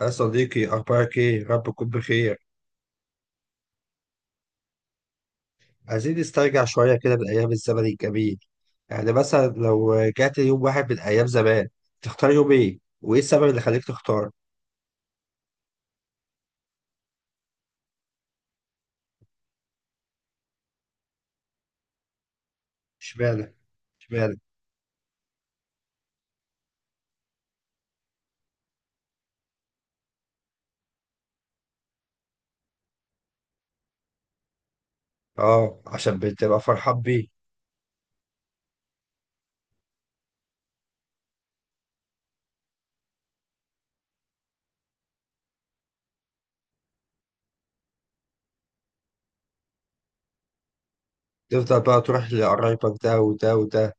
يا صديقي، أخبارك إيه؟ رب تكون بخير. عايزين نسترجع شوية كده بالأيام الزمن الجميل. يعني مثلا لو رجعت يوم واحد من أيام زمان، تختار يوم إيه؟ وإيه السبب اللي خليك تختار؟ إشمعنى؟ إشمعنى؟ آه، عشان بتبقى فرحان بيه. تفضل بقى تروح لقرايبك ده وده وده.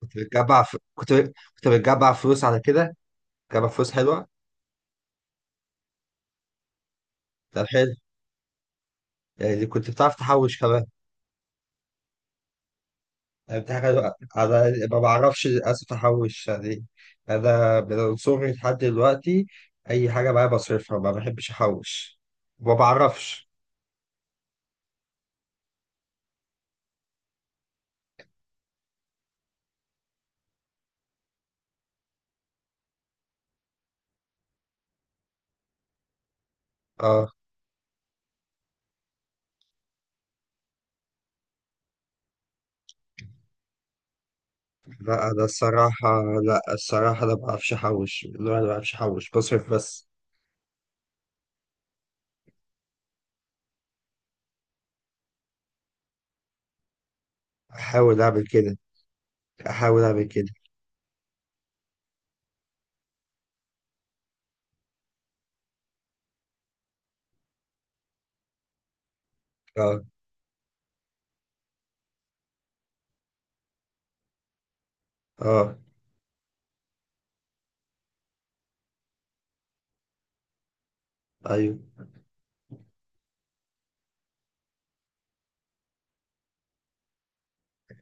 كنت بتجمع ف... كنت كنت بتجمع فلوس على كده؟ بتجمع فلوس حلوة؟ ده حلو، يعني كنت بتعرف تحوش كمان. دي حاجة أنا ما بعرفش للأسف أحوش، يعني أنا من صغري لحد دلوقتي أي حاجة معايا بصرفها، ما بحبش أحوش، ما بعرفش. اه، لا أنا الصراحة، لا الصراحة أنا ما بعرفش أحوش، لا أنا ما بعرفش أحوش، بصرف بس. أحاول أعمل كده، أحاول أعمل كده. اه. اه. أيوه.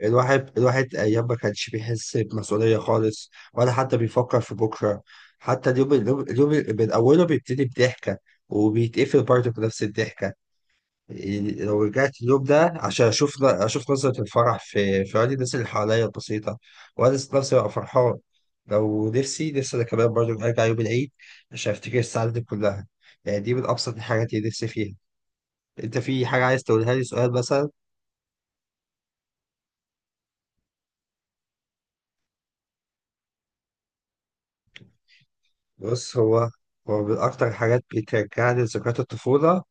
الواحد أيام ما كانش بيحس بمسؤولية خالص ولا حتى بيفكر في بكرة. حتى اليوم من أوله بيبتدي بضحكة وبيتقفل برضه بنفس الضحكة. يعني لو رجعت اليوم ده عشان أشوف نظرة الفرح في عيون الناس اللي حواليا البسيطة. وأنا ذات نفسي ببقى فرحان، لو نفسي أنا كمان برضه أرجع يوم العيد عشان أفتكر السعادة دي كلها. يعني دي من أبسط الحاجات اللي نفسي فيها. أنت في حاجة عايز تقولها لي، سؤال مثلا؟ بص، هو من أكتر حاجات بترجعني لذكريات الطفولة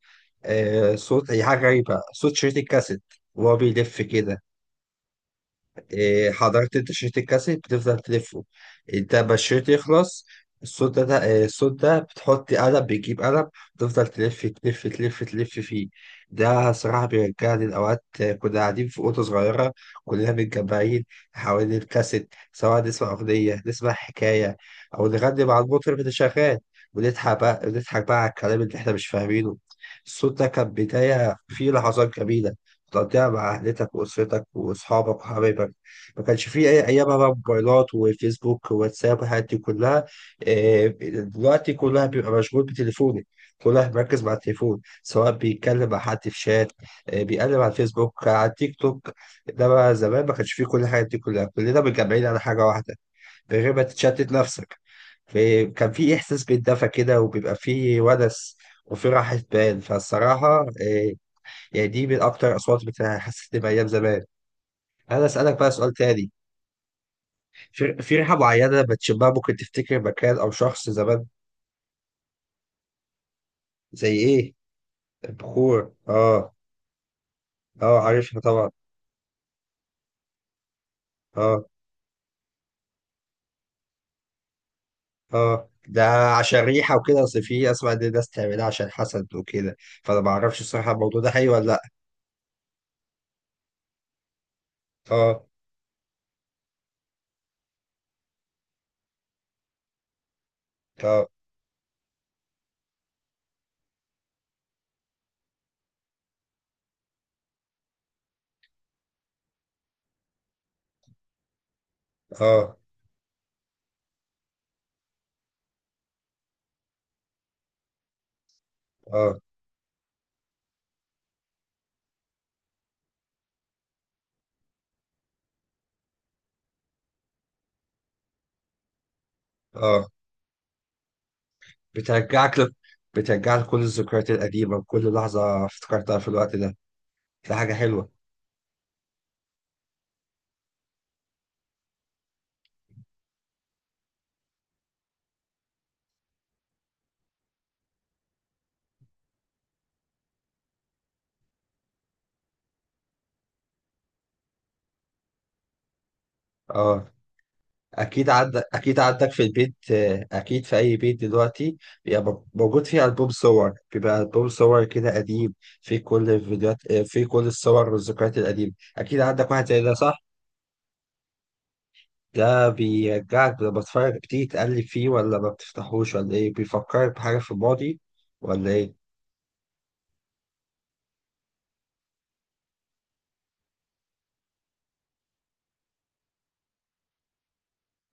آه، صوت، هي حاجة غريبة، صوت شريط الكاسيت وهو بيلف كده. إيه، حضرت انت شريط الكاسيت بتفضل تلفه؟ انت ما الشريط يخلص، الصوت ده إيه، الصوت ده بتحط قلم، بتجيب قلم تفضل تلف فيه. ده صراحة بيرجعني لأوقات آه، كنا قاعدين في أوضة صغيرة كلنا متجمعين حوالين الكاسيت، سواء نسمع أغنية، نسمع حكاية، أو نغني مع المطرب اللي شغال، ونضحك بقى، نضحك بقى على الكلام اللي إحنا مش فاهمينه. الصوت ده كان بداية فيه لحظات جميلة تقضيها مع أهلتك وأسرتك وأصحابك وحبايبك. ما كانش فيه أي أيامها بقى موبايلات وفيسبوك وواتساب والحاجات دي كلها. آه، دلوقتي كلها بيبقى مشغول بتليفونه، كلها مركز مع التليفون، سواء بيتكلم مع حد في شات آه، بيقلب على الفيسبوك، على التيك توك. ده بقى زمان ما كانش فيه كل الحاجات دي كلها، كلنا متجمعين على حاجة واحدة من غير ما تتشتت نفسك. فكان في إحساس بالدفى كده، وبيبقى فيه ونس وفي راحة بال، فالصراحة آه، يعني دي من أكتر الأصوات اللي حسيت بأيام زمان. أنا أسألك بقى سؤال تاني، في ريحة معينة بتشمها ممكن تفتكر مكان أو شخص زمان؟ زي إيه؟ البخور آه. آه، عارفها طبعا. آه. آه. ده عشان ريحة وكده، أصل في أسمع إن الناس تعملها عشان حسد وكده، فأنا معرفش الصراحة الموضوع ده حقيقي ولا لأ. آه. آه. آه. آه. آه. بترجعك بترجعك كل الذكريات القديمة وكل لحظة افتكرتها في الوقت ده. دي حاجة حلوة. آه، اكيد عندك في البيت آه، اكيد في اي بيت دلوقتي بيبقى موجود فيه البوم صور، بيبقى البوم صور كده قديم في كل الفيديوهات آه، في كل الصور والذكريات القديمه. اكيد عندك واحد زي ده، صح؟ ده بيرجعك لما تتفرج؟ بتيجي تقلب فيه ولا ما بتفتحوش ولا ايه؟ بيفكرك بحاجه في الماضي ولا ايه؟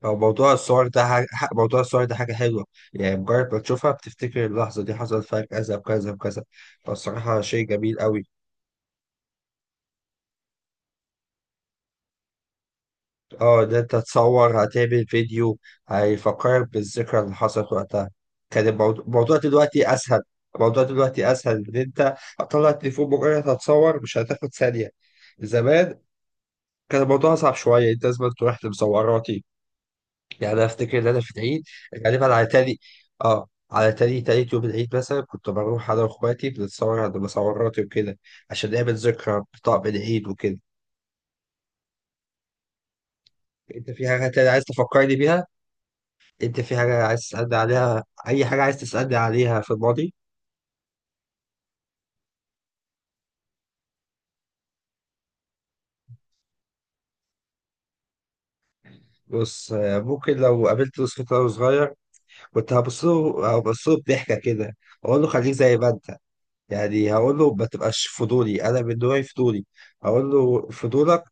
هو موضوع الصور ده موضوع الصور ده حاجه حلوه، يعني مجرد ما تشوفها بتفتكر اللحظه دي حصل فيها كذا وكذا وكذا. فالصراحه شيء جميل قوي. اه، ان انت تصور هتعمل فيديو هيفكرك بالذكرى اللي حصلت وقتها. كان الموضوع دلوقتي اسهل، الموضوع دلوقتي اسهل، ان انت هتطلع التليفون مجرد هتصور مش هتاخد ثانية. زمان كان الموضوع صعب شوية، انت لازم تروح لمصوراتي. يعني انا افتكر ان انا في العيد غالبا على تاني، اه على تاني تالت يوم العيد مثلا كنت بروح انا واخواتي بنتصور عند مصوراتي وكده، عشان نعمل ذكرى بطقم العيد وكده. انت في حاجة تانية عايز تفكرني بيها؟ انت في حاجة عايز تسألني عليها؟ أي حاجة عايز تسألني عليها في الماضي. بص آه، ممكن لو قابلت يوسف وهو صغير كنت هبص له بضحكة كده، أقول له خليك زي ما أنت. يعني هقول له ما تبقاش فضولي، أنا من نوعي فضولي. أقول له فضولك،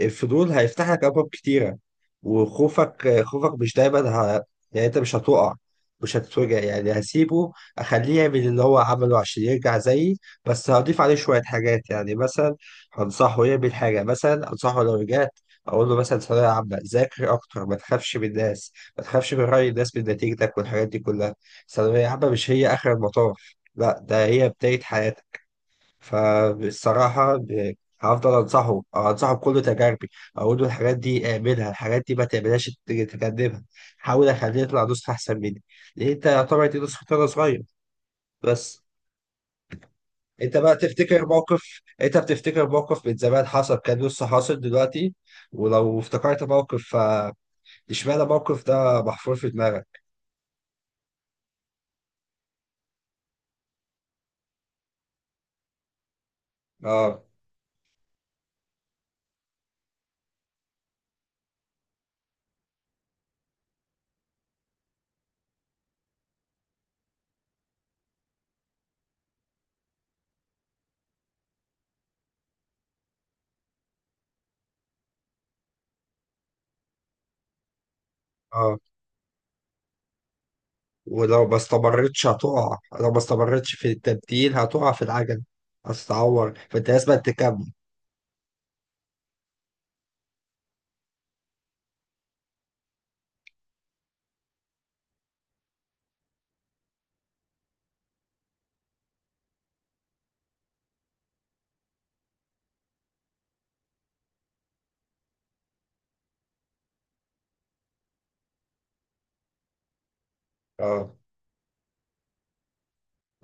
الفضول هيفتح لك ابواب كتيره. وخوفك مش دايما يعني انت مش هتقع، مش هتتوجع، يعني هسيبه اخليه يعمل اللي هو عمله عشان يرجع زيي. بس هضيف عليه شويه حاجات. يعني مثلا هنصحه يعمل حاجه، مثلا انصحه لو رجعت اقول له مثلا ثانويه عامه ذاكر اكتر، ما تخافش من الناس، ما تخافش من راي الناس، من نتيجتك والحاجات دي كلها. ثانويه عامه مش هي اخر المطاف، لا ده هي بدايه حياتك. فبصراحة هفضل أنصحه أو أنصحه بكل تجاربي. أقول له الحاجات دي اعملها، الحاجات دي ما تعملهاش، تجنبها. حاول أخليه يطلع نسخة أحسن مني، لأن أنت يعتبر دي نسخة أنا صغير. بس أنت بقى تفتكر موقف، أنت بتفتكر موقف من زمان حصل كان لسه حاصل دلوقتي؟ ولو افتكرت موقف اشمعنى الموقف ده محفور في دماغك؟ أه. أه. ولو ما استمرتش هتقع، لو ما استمرتش في التبديل هتقع في العجل، هتتعور، فأنت لازم تكمل. اه.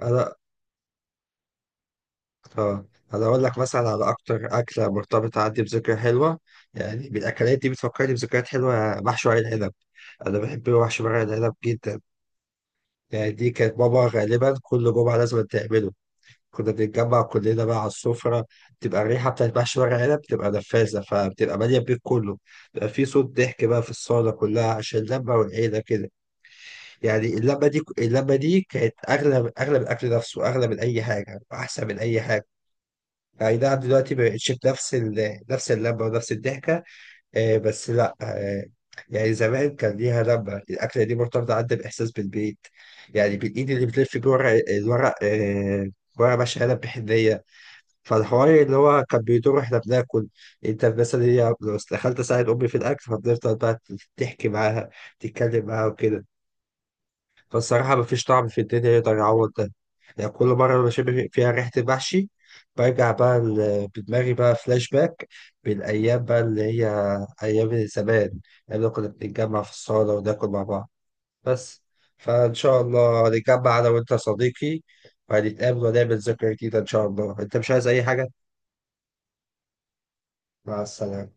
انا اه انا اقول لك مثلا على اكتر اكله مرتبطه عندي بذكرى حلوه. يعني بالاكلات دي بتفكرني بذكريات حلوه، محشي ورق العنب. انا بحب محشي ورق العنب جدا. يعني دي كانت ماما غالبا كل جمعه لازم تعمله. كنا بنتجمع كلنا بقى على السفره. بتبقى الريحه بتاعت محشي ورق العنب بتبقى نفاذه، فبتبقى ماليه البيت كله. بيبقى في صوت ضحك بقى في الصاله كلها عشان اللمه والعيله كده. يعني اللمه دي كانت اغلى، اغلى من الاكل نفسه، اغلى من اي حاجه، احسن من اي حاجه. اي نعم دلوقتي ما بقتش بنفس نفس اللمه ونفس الضحكه آه، بس لا آه، يعني زمان كان ليها لمه. الاكله دي مرتبطه عندي باحساس بالبيت. يعني بالايد اللي بتلف جوه الورق آه، ورق ماشي قلم بحنيه، فالحوار اللي هو كان بيدور واحنا بناكل. انت مثلا هي لو دخلت اساعد امي في الاكل فبنفضل بقى تحكي معاها، تتكلم معاها وكده. فالصراحة مفيش طعم في الدنيا يقدر يعوض ده. يعني كل مرة بشم فيها ريحة المحشي برجع بقى بدماغي بقى فلاش باك بالأيام بقى اللي هي أيام زمان، أيام اللي كنا بنتجمع في الصالة وناكل مع بعض. بس، فإن شاء الله نتجمع أنا وأنت يا صديقي، وهنتقابل ونعمل ذكرى جديدة إن شاء الله. أنت مش عايز أي حاجة؟ مع السلامة.